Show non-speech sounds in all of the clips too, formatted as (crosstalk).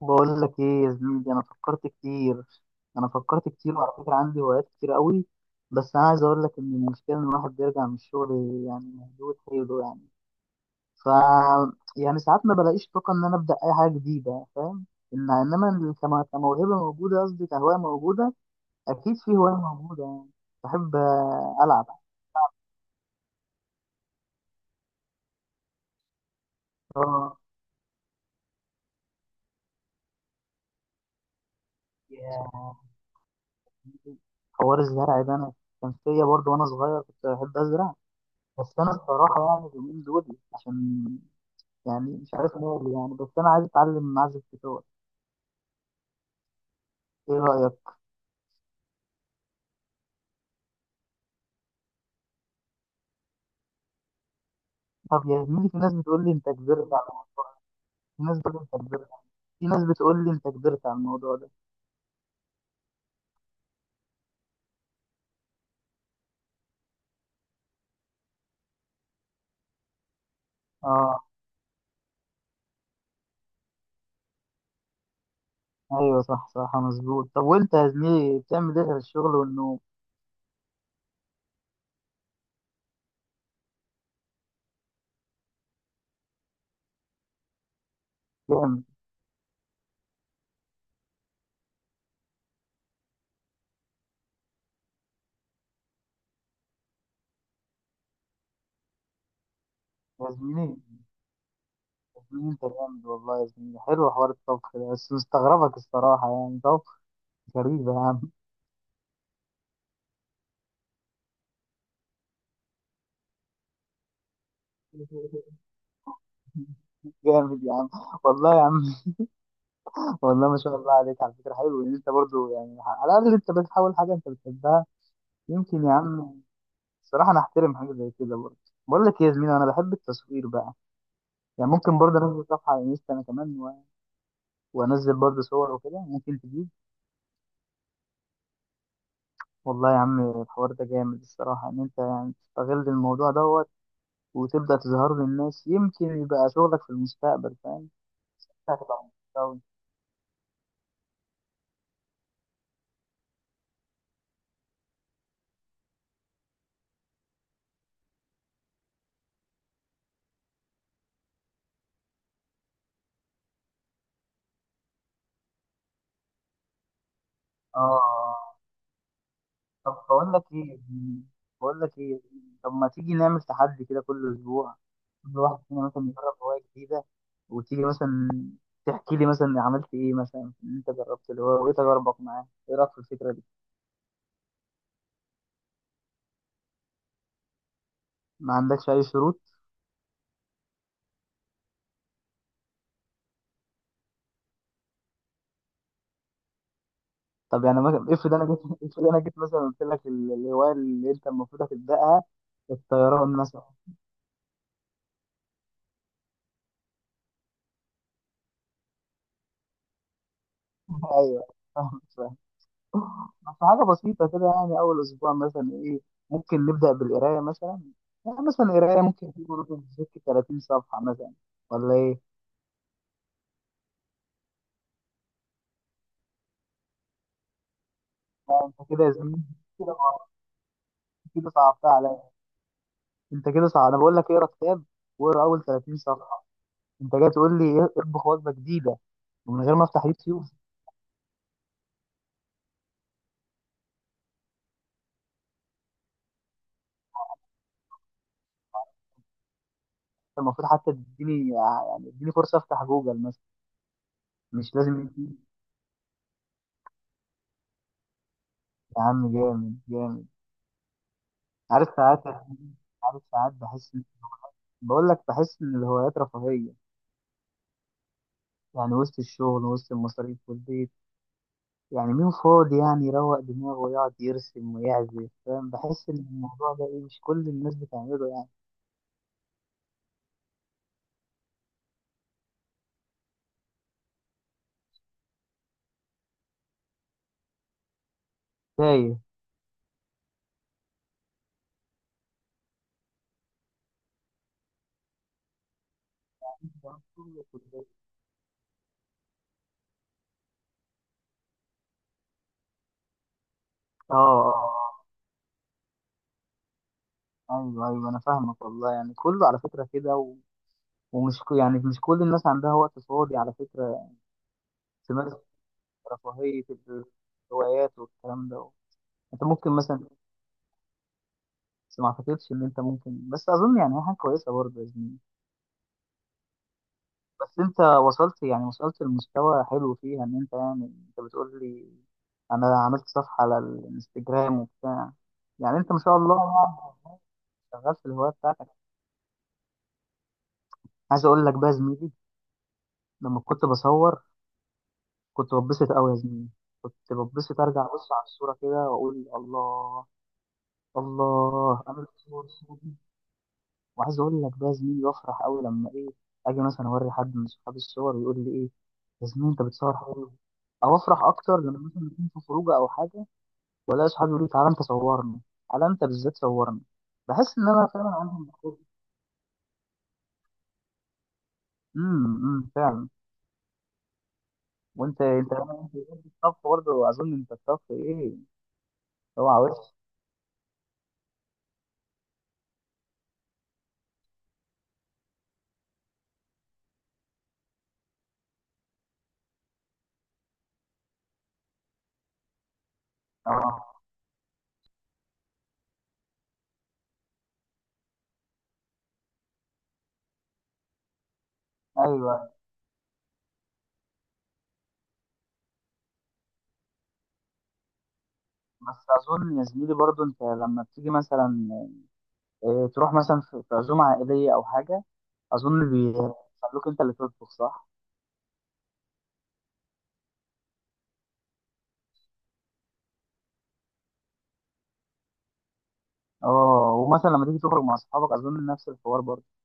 بقول لك ايه يا زميلي، انا فكرت كتير. انا فكرت كتير، وعلى فكره عندي هوايات كتير قوي. بس انا عايز اقول لك ان المشكله ان الواحد بيرجع من الشغل يعني مهدود حيله يعني. ف يعني ساعات ما بلاقيش طاقه ان انا ابدا اي حاجه جديده، فاهم؟ إن انما كموهبه موجوده، قصدي كهوايه موجوده. اكيد في هوايه موجوده يعني. بحب العب. اه. يا- حوار الزرع ده انا كان فيا برضه، وانا صغير كنت بحب ازرع. بس انا الصراحه يعني اليومين دول عشان يعني مش عارف ماله يعني، بس انا عايز اتعلم اعزف جيتار. ايه رايك؟ طب يا زميلي، في ناس بتقول لي انت في ناس بتقول لي انت كبرت، في ناس بتقول لي انت كبرت على الموضوع ده. اه. ايوه، صح صح، مظبوط. طب وانت يا زميلي بتعمل ايه غير الشغل والنوم؟ جامد يا زميلي. يا زميلي انت جامد والله يا زميلي، حلو حوار الطبخ ده، بس مستغربك الصراحه، يعني طبخ، غريب يا عم. (laughs) جامد يا عم، والله يا عم. (laughs) والله ما شاء الله عليك، على فكره حلو ان انت برضو يعني على الاقل انت بتحاول حاجه انت بتحبها. يمكن يا عم الصراحه انا احترم حاجه زي كده برضه. بقول لك إيه يا زميلي، انا بحب التصوير بقى. يعني ممكن برضه انزل صفحه على انستا انا كمان، وانزل برضه صور وكده، ممكن تجيب. والله يا عم الحوار ده جامد الصراحه، ان انت يعني تستغل الموضوع دوت وتبدا تظهر للناس، يمكن يبقى شغلك في المستقبل، فاهم؟ هتبقى مبسوط أوي. اه. طب بقول لك ايه، بقول لك ايه، طب ما تيجي نعمل تحدي كده كل اسبوع، كل واحد فينا مثلا يجرب هواية جديدة، وتيجي مثلا تحكي لي مثلا عملت ايه مثلا في اللي انت جربت اللي هو، وايه تجاربك معاه؟ ايه رايك في الفكرة دي؟ ما عندكش اي شروط؟ طب يعني مثلا افرض انا جيت، (laughs) افرض انا جيت مثلا قلت لك الهواية اللي انت المفروض هتبدأها الطيران مثلا. (laughs) ايوه. (laughs) في حاجة بسيطة كده، يعني أول أسبوع مثلا إيه؟ ممكن نبدأ بالقراية مثلا. يعني مثلا القراية ممكن تكون في سكة 30 صفحة مثلا، ولا إيه؟ لا أنت كده يا زميلي، كده، كده صعبتها عليا. أنت كده صعب، أنا بقول لك اقرا كتاب واقرا أول 30 صفحة، أنت جاي تقول لي إيه؟ اطبخ وجبة جديدة ومن غير ما أفتح يوتيوب؟ المفروض حتى تديني يعني اديني فرصة أفتح جوجل مثلا، مش لازم يوتيوب. يا عم جامد جامد. عارف ساعات، عارف ساعات بحس، بقول لك بحس إن الهوايات رفاهية. يعني وسط الشغل وسط المصاريف والبيت، يعني مين فاضي يعني يروق دماغه ويقعد يرسم ويعزف، فاهم؟ بحس ان الموضوع ده ايه، مش كل الناس بتعمله يعني. تايه. اه. اه. آه. ايوه ايوه انا فاهمك والله، يعني كله على فكره كده يعني مش كل الناس عندها وقت فاضي على فكره تمارس رفاهيه ال- الهوايات والكلام ده. انت ممكن مثلا، بس ما اعتقدش ان انت ممكن، بس اظن يعني هي حاجه كويسه برضه. بس انت وصلت يعني وصلت لمستوى حلو فيها، ان انت يعني انت بتقول لي انا عملت صفحة على الانستجرام وبتاع. يعني انت ما شاء الله شغال في الهواية بتاعتك. عايز اقول لك بقى يا زميلي، لما كنت بصور كنت بتبسط قوي يا زميلي، كنت بتبسط ارجع ابص على الصورة كده واقول الله، الله انا الصور الصورة دي. وعايز اقول لك بقى يا زميلي، بفرح قوي لما ايه، اجي مثلا اوري حد من صحابي الصور ويقول لي ايه، يا زميلي انت بتصور حلو. او افرح اكتر لما مثلا نكون في خروجه او حاجه، ولا اصحابي يقولوا لي تعالى انت صورني، تعالى انت بالذات صورني. بحس ان انا فعلا عندي الموضوع. امم، فعلا. وانت انت انت الطبخ برضه اظن، انت الطبخ ايه، اوعى وش. اه ايوه. بس اظن يا زميلي برضه انت لما بتيجي مثلا إيه، تروح مثلا في عزومه عائليه او حاجه، اظن بيخلوك انت اللي تطبخ صح؟ اه، ومثلا لما تيجي تخرج مع اصحابك اظن نفس الحوار برضه.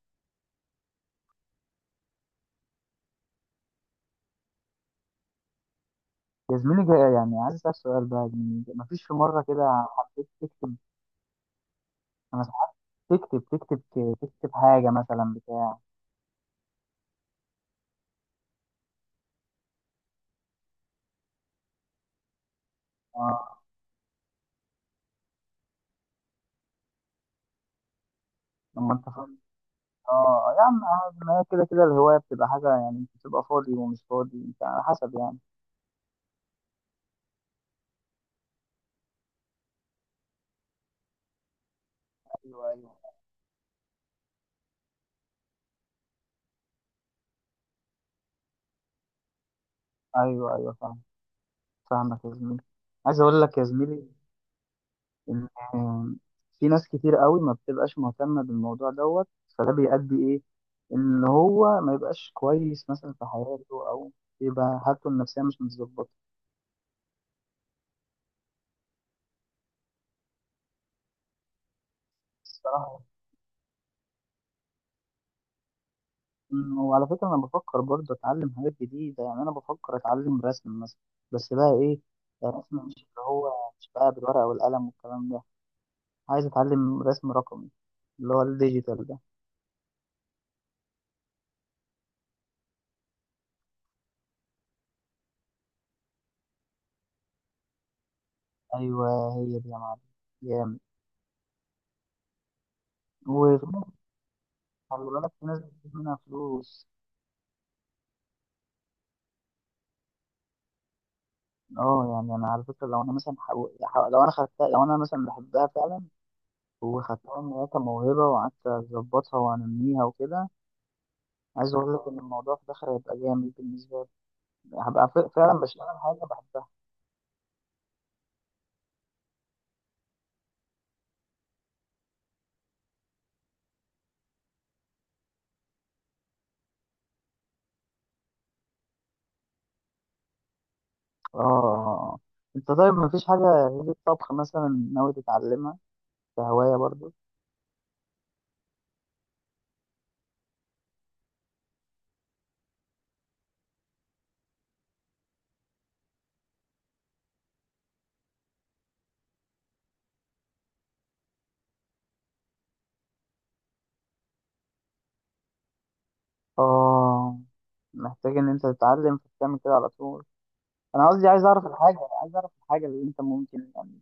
يا زميلي جاي يعني عايز اسالك سؤال بقى يا زميلي، مفيش في مره كده حبيت تكتب؟ انا ساعات تكتب تكتب حاجه مثلا بتاع. اه، لما انت فاضي. اه يا عم عادي، ما هي كده كده الهوايه بتبقى حاجه يعني، انت بتبقى فاضي ومش فاضي انت على حسب يعني. ايوه ايوه. ايوه ايوه فاهم. فاهمك يا زميلي. عايز اقول لك يا زميلي ان آه، في ناس كتير قوي ما بتبقاش مهتمه بالموضوع دوت، فده بيؤدي ايه، ان هو ما يبقاش كويس مثلا في حياته، او يبقى حالته النفسيه مش متظبطه الصراحه. وعلى فكرة أنا بفكر برضه أتعلم حاجات جديدة، يعني أنا بفكر أتعلم رسم مثلا، بس بقى إيه، رسم مش اللي هو، مش بقى بالورقة والقلم والكلام ده، عايز أتعلم رسم رقمي، اللي هو الديجيتال ده. أيوه هي دي يا معلم. جامد. وفي ناس، خلي بالك في ناس بتجيب منها فلوس. اه، يعني أنا على فكرة لو أنا مثلا لو أنا خدتها، لو أنا مثلا بحبها فعلا وخدتها إن هي كموهبة، وقعدت أظبطها وأنميها وكده، عايز أقول لك إن الموضوع في الآخر هيبقى جامد بالنسبة لي. هبقى فعلا بشتغل حاجة بحبها. اه. انت طيب مفيش حاجة غير الطبخ مثلا ناوي تتعلمها كهواية برضو؟ اه، محتاج ان انت تتعلم فتعمل كده على طول. انا قصدي عايز اعرف الحاجة، عايز اعرف الحاجة اللي انت ممكن يعني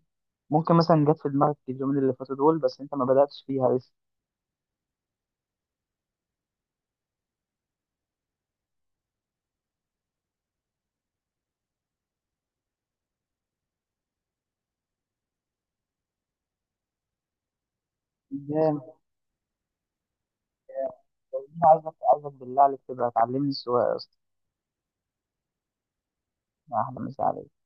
ممكن مثلا جت في دماغك اليومين اللي فاتوا دول، بس انت ما بدأتش فيها لسه. جامد. عايزك عايزك بالله عليك تبقى تعلمني السواقة يا اسطى. احلى مسا عليك.